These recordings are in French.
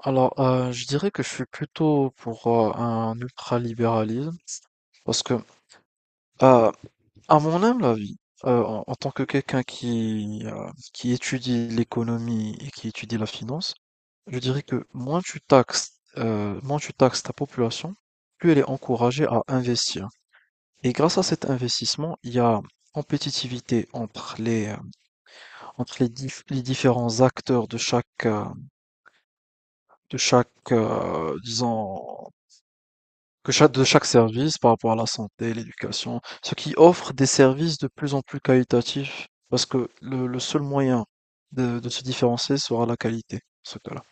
Alors, je dirais que je suis plutôt pour un ultralibéralisme parce que, euh, à mon humble avis, en tant que quelqu'un qui étudie l'économie et qui étudie la finance, je dirais que moins tu taxes ta population, plus elle est encouragée à investir. Et grâce à cet investissement, il y a compétitivité entre les différents acteurs de chaque, disons, que chaque de chaque service par rapport à la santé, l'éducation, ce qui offre des services de plus en plus qualitatifs, parce que le seul moyen de se différencier sera la qualité, ce cas-là.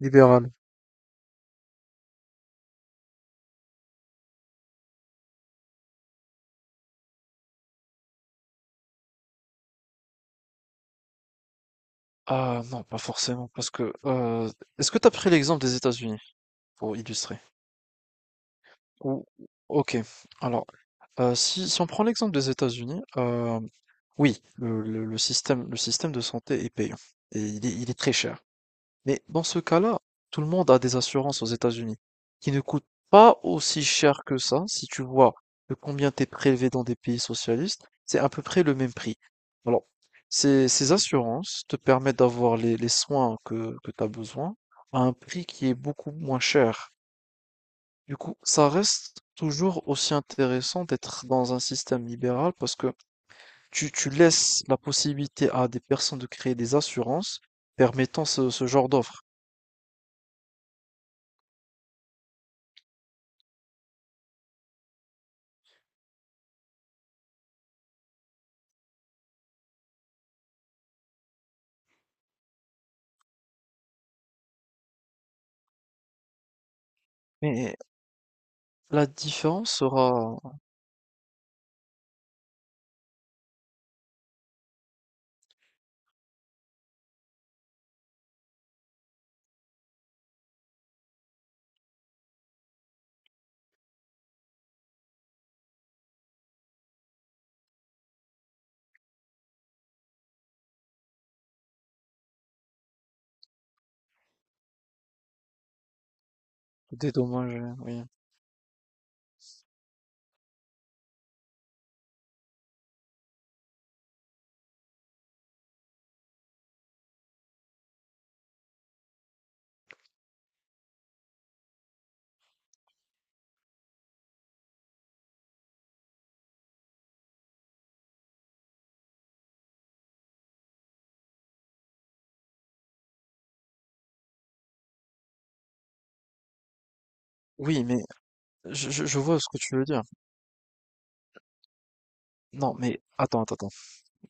Libéral. Ah non, pas forcément, parce que est-ce que tu as pris l'exemple des États-Unis pour illustrer? Ou ok, alors si on prend l'exemple des États-Unis, oui, le système de santé est payant et il est très cher. Mais dans ce cas-là, tout le monde a des assurances aux États-Unis qui ne coûtent pas aussi cher que ça. Si tu vois de combien t'es prélevé dans des pays socialistes, c'est à peu près le même prix. Alors, ces assurances te permettent d'avoir les soins que tu as besoin à un prix qui est beaucoup moins cher. Du coup, ça reste toujours aussi intéressant d'être dans un système libéral parce que tu laisses la possibilité à des personnes de créer des assurances permettant ce genre d'offres. Mais la différence sera dédommagée, oui. Oui, mais je vois ce que tu veux dire. Non, mais attends, attends, attends.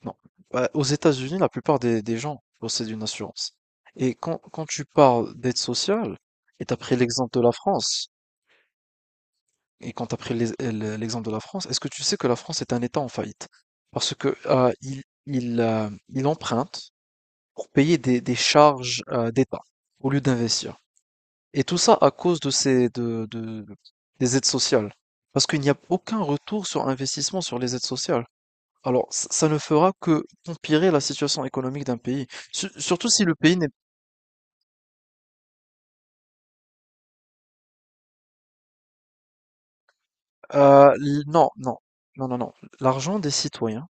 Non. Aux États-Unis, la plupart des gens possèdent une assurance. Et quand tu parles d'aide sociale, et t'as pris l'exemple de la France, et quand t'as pris l'exemple de la France, est-ce que tu sais que la France est un État en faillite? Parce que il emprunte pour payer des charges d'État au lieu d'investir. Et tout ça à cause de ces, de- des aides sociales. Parce qu'il n'y a aucun retour sur investissement sur les aides sociales. Alors, ça ne fera que empirer la situation économique d'un pays. Surtout si le pays n'est non, non, non, non, non. L'argent des citoyens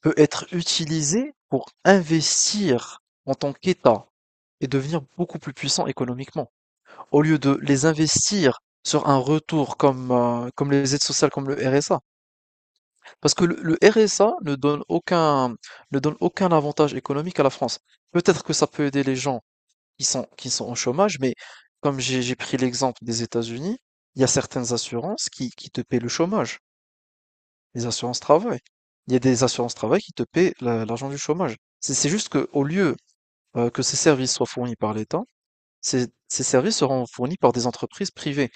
peut être utilisé pour investir en tant qu'État et devenir beaucoup plus puissant économiquement. Au lieu de les investir sur un retour comme les aides sociales, comme le RSA. Parce que le RSA ne donne aucun avantage économique à la France. Peut-être que ça peut aider les gens qui sont au chômage, mais comme j'ai pris l'exemple des États-Unis, il y a certaines assurances qui te paient le chômage, les assurances travail. Il y a des assurances travail qui te paient l'argent du chômage. C'est juste que au lieu que ces services soient fournis par l'État, ces services seront fournis par des entreprises privées.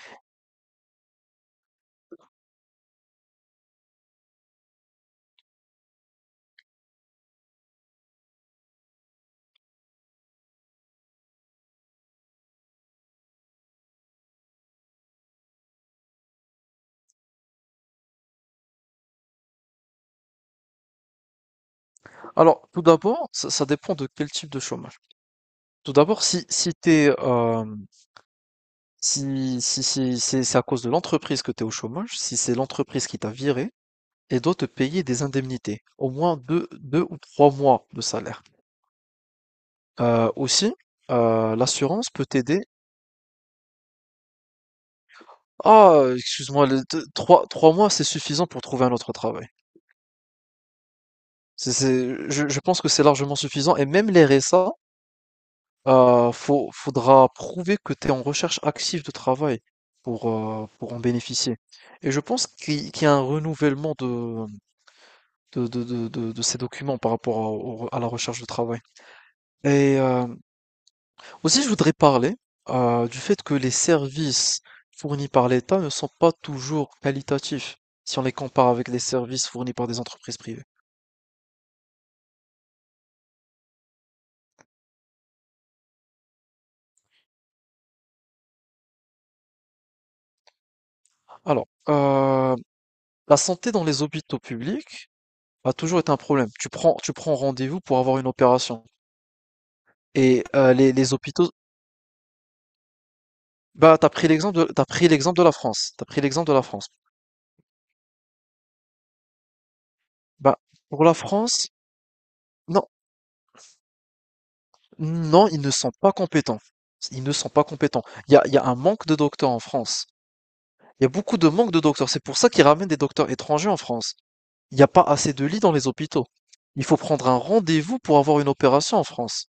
Alors, tout d'abord, ça dépend de quel type de chômage. Tout d'abord, si t'es, c'est à cause de l'entreprise que tu es au chômage, si c'est l'entreprise qui t'a viré, et doit te payer des indemnités, au moins deux ou trois mois de salaire. Aussi, l'assurance peut t'aider. Ah, excuse-moi, les trois mois, c'est suffisant pour trouver un autre travail. Je pense que c'est largement suffisant. Et même les RSA, faudra prouver que tu es en recherche active de travail pour en bénéficier. Et je pense qu'il y a un renouvellement de ces documents par rapport à la recherche de travail. Et aussi, je voudrais parler du fait que les services fournis par l'État ne sont pas toujours qualitatifs si on les compare avec les services fournis par des entreprises privées. Alors, la santé dans les hôpitaux publics a toujours été un problème. Tu prends rendez-vous pour avoir une opération. Et les hôpitaux, bah, t'as pris l'exemple de la France. T'as pris l'exemple de la France. Bah, pour la France, non, non, ils ne sont pas compétents. Ils ne sont pas compétents. Il y a un manque de docteurs en France. Il y a beaucoup de manque de docteurs. C'est pour ça qu'ils ramènent des docteurs étrangers en France. Il n'y a pas assez de lits dans les hôpitaux. Il faut prendre un rendez-vous pour avoir une opération en France.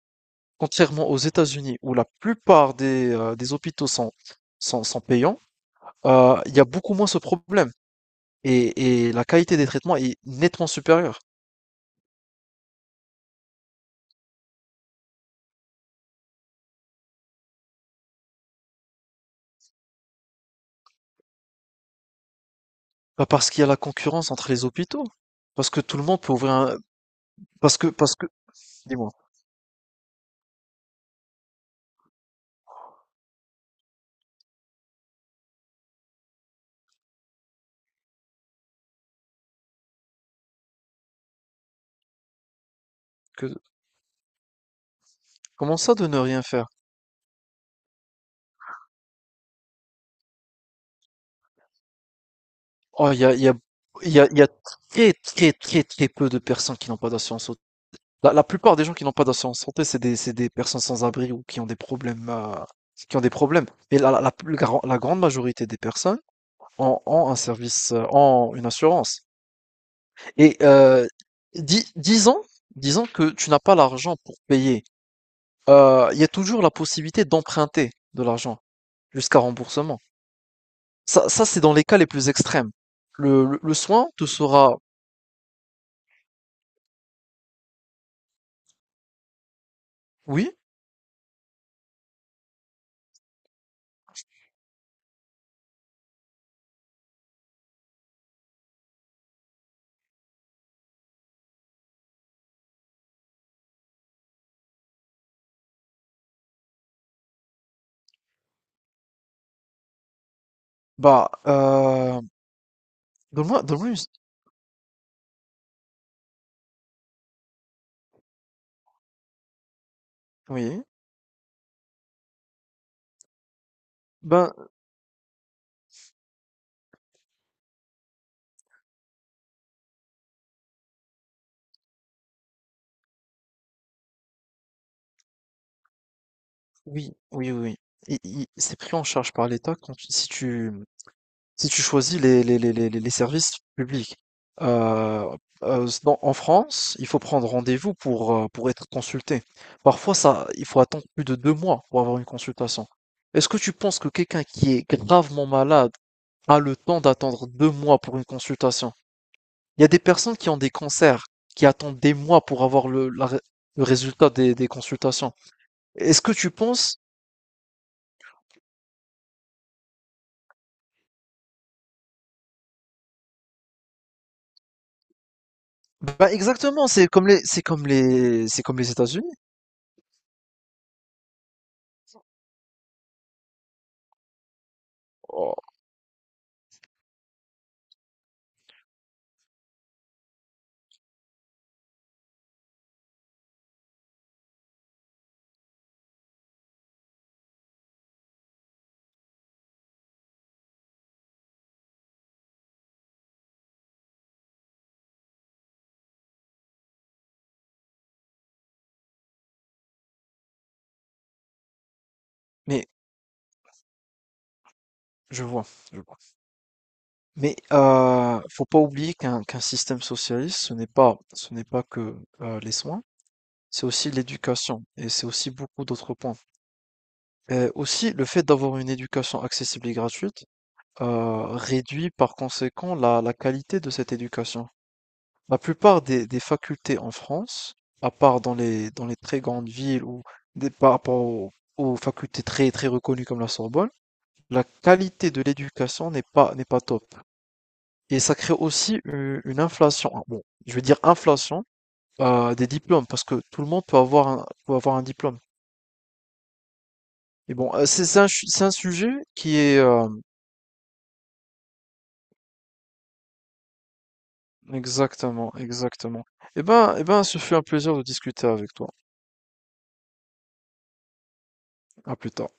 Contrairement aux États-Unis, où la plupart des hôpitaux sont payants, il y a beaucoup moins ce problème. Et la qualité des traitements est nettement supérieure. Pas parce qu'il y a la concurrence entre les hôpitaux. Parce que tout le monde peut ouvrir un. Parce que, parce que, dis-moi, que, comment ça de ne rien faire? Oh, il y a, il y a, il y a, il y a très, très, très, très peu de personnes qui n'ont pas d'assurance santé. La plupart des gens qui n'ont pas d'assurance santé, c'est des personnes sans abri ou qui ont des problèmes, qui ont des problèmes. Mais la grande majorité des personnes ont une assurance. Et dis- disons, disons que tu n'as pas l'argent pour payer. Il y a toujours la possibilité d'emprunter de l'argent jusqu'à remboursement. C'est dans les cas les plus extrêmes. Le soin te sera, oui. Bah, donne-moi une oui, ben, oui, oui, oui, oui. I i C'est pris en charge par l'État quand tu si tu choisis les services publics. Heu dans En France, il faut prendre rendez-vous pour être consulté. Parfois ça il faut attendre plus de 2 mois pour avoir une consultation. Est-ce que tu penses que quelqu'un qui est gravement malade a le temps d'attendre 2 mois pour une consultation? Il y a des personnes qui ont des cancers, qui attendent des mois pour avoir le résultat des consultations. Est-ce que tu penses? Bah exactement, c'est comme les, c'est comme les, c'est comme les États-Unis. Oh, mais je vois, je vois. Mais faut pas oublier qu'un système socialiste, ce n'est pas que les soins, c'est aussi l'éducation et c'est aussi beaucoup d'autres points. Aussi, le fait d'avoir une éducation accessible et gratuite réduit par conséquent la qualité de cette éducation. La plupart des facultés en France, à part dans les très grandes villes par rapport aux facultés très, très reconnues comme la Sorbonne, la qualité de l'éducation n'est pas top. Et ça crée aussi une inflation, ah, bon, je veux dire inflation des diplômes, parce que tout le monde peut avoir un diplôme. Et bon, c'est un sujet qui est. Exactement, exactement. Eh ben, ce fut un plaisir de discuter avec toi. À plus tard.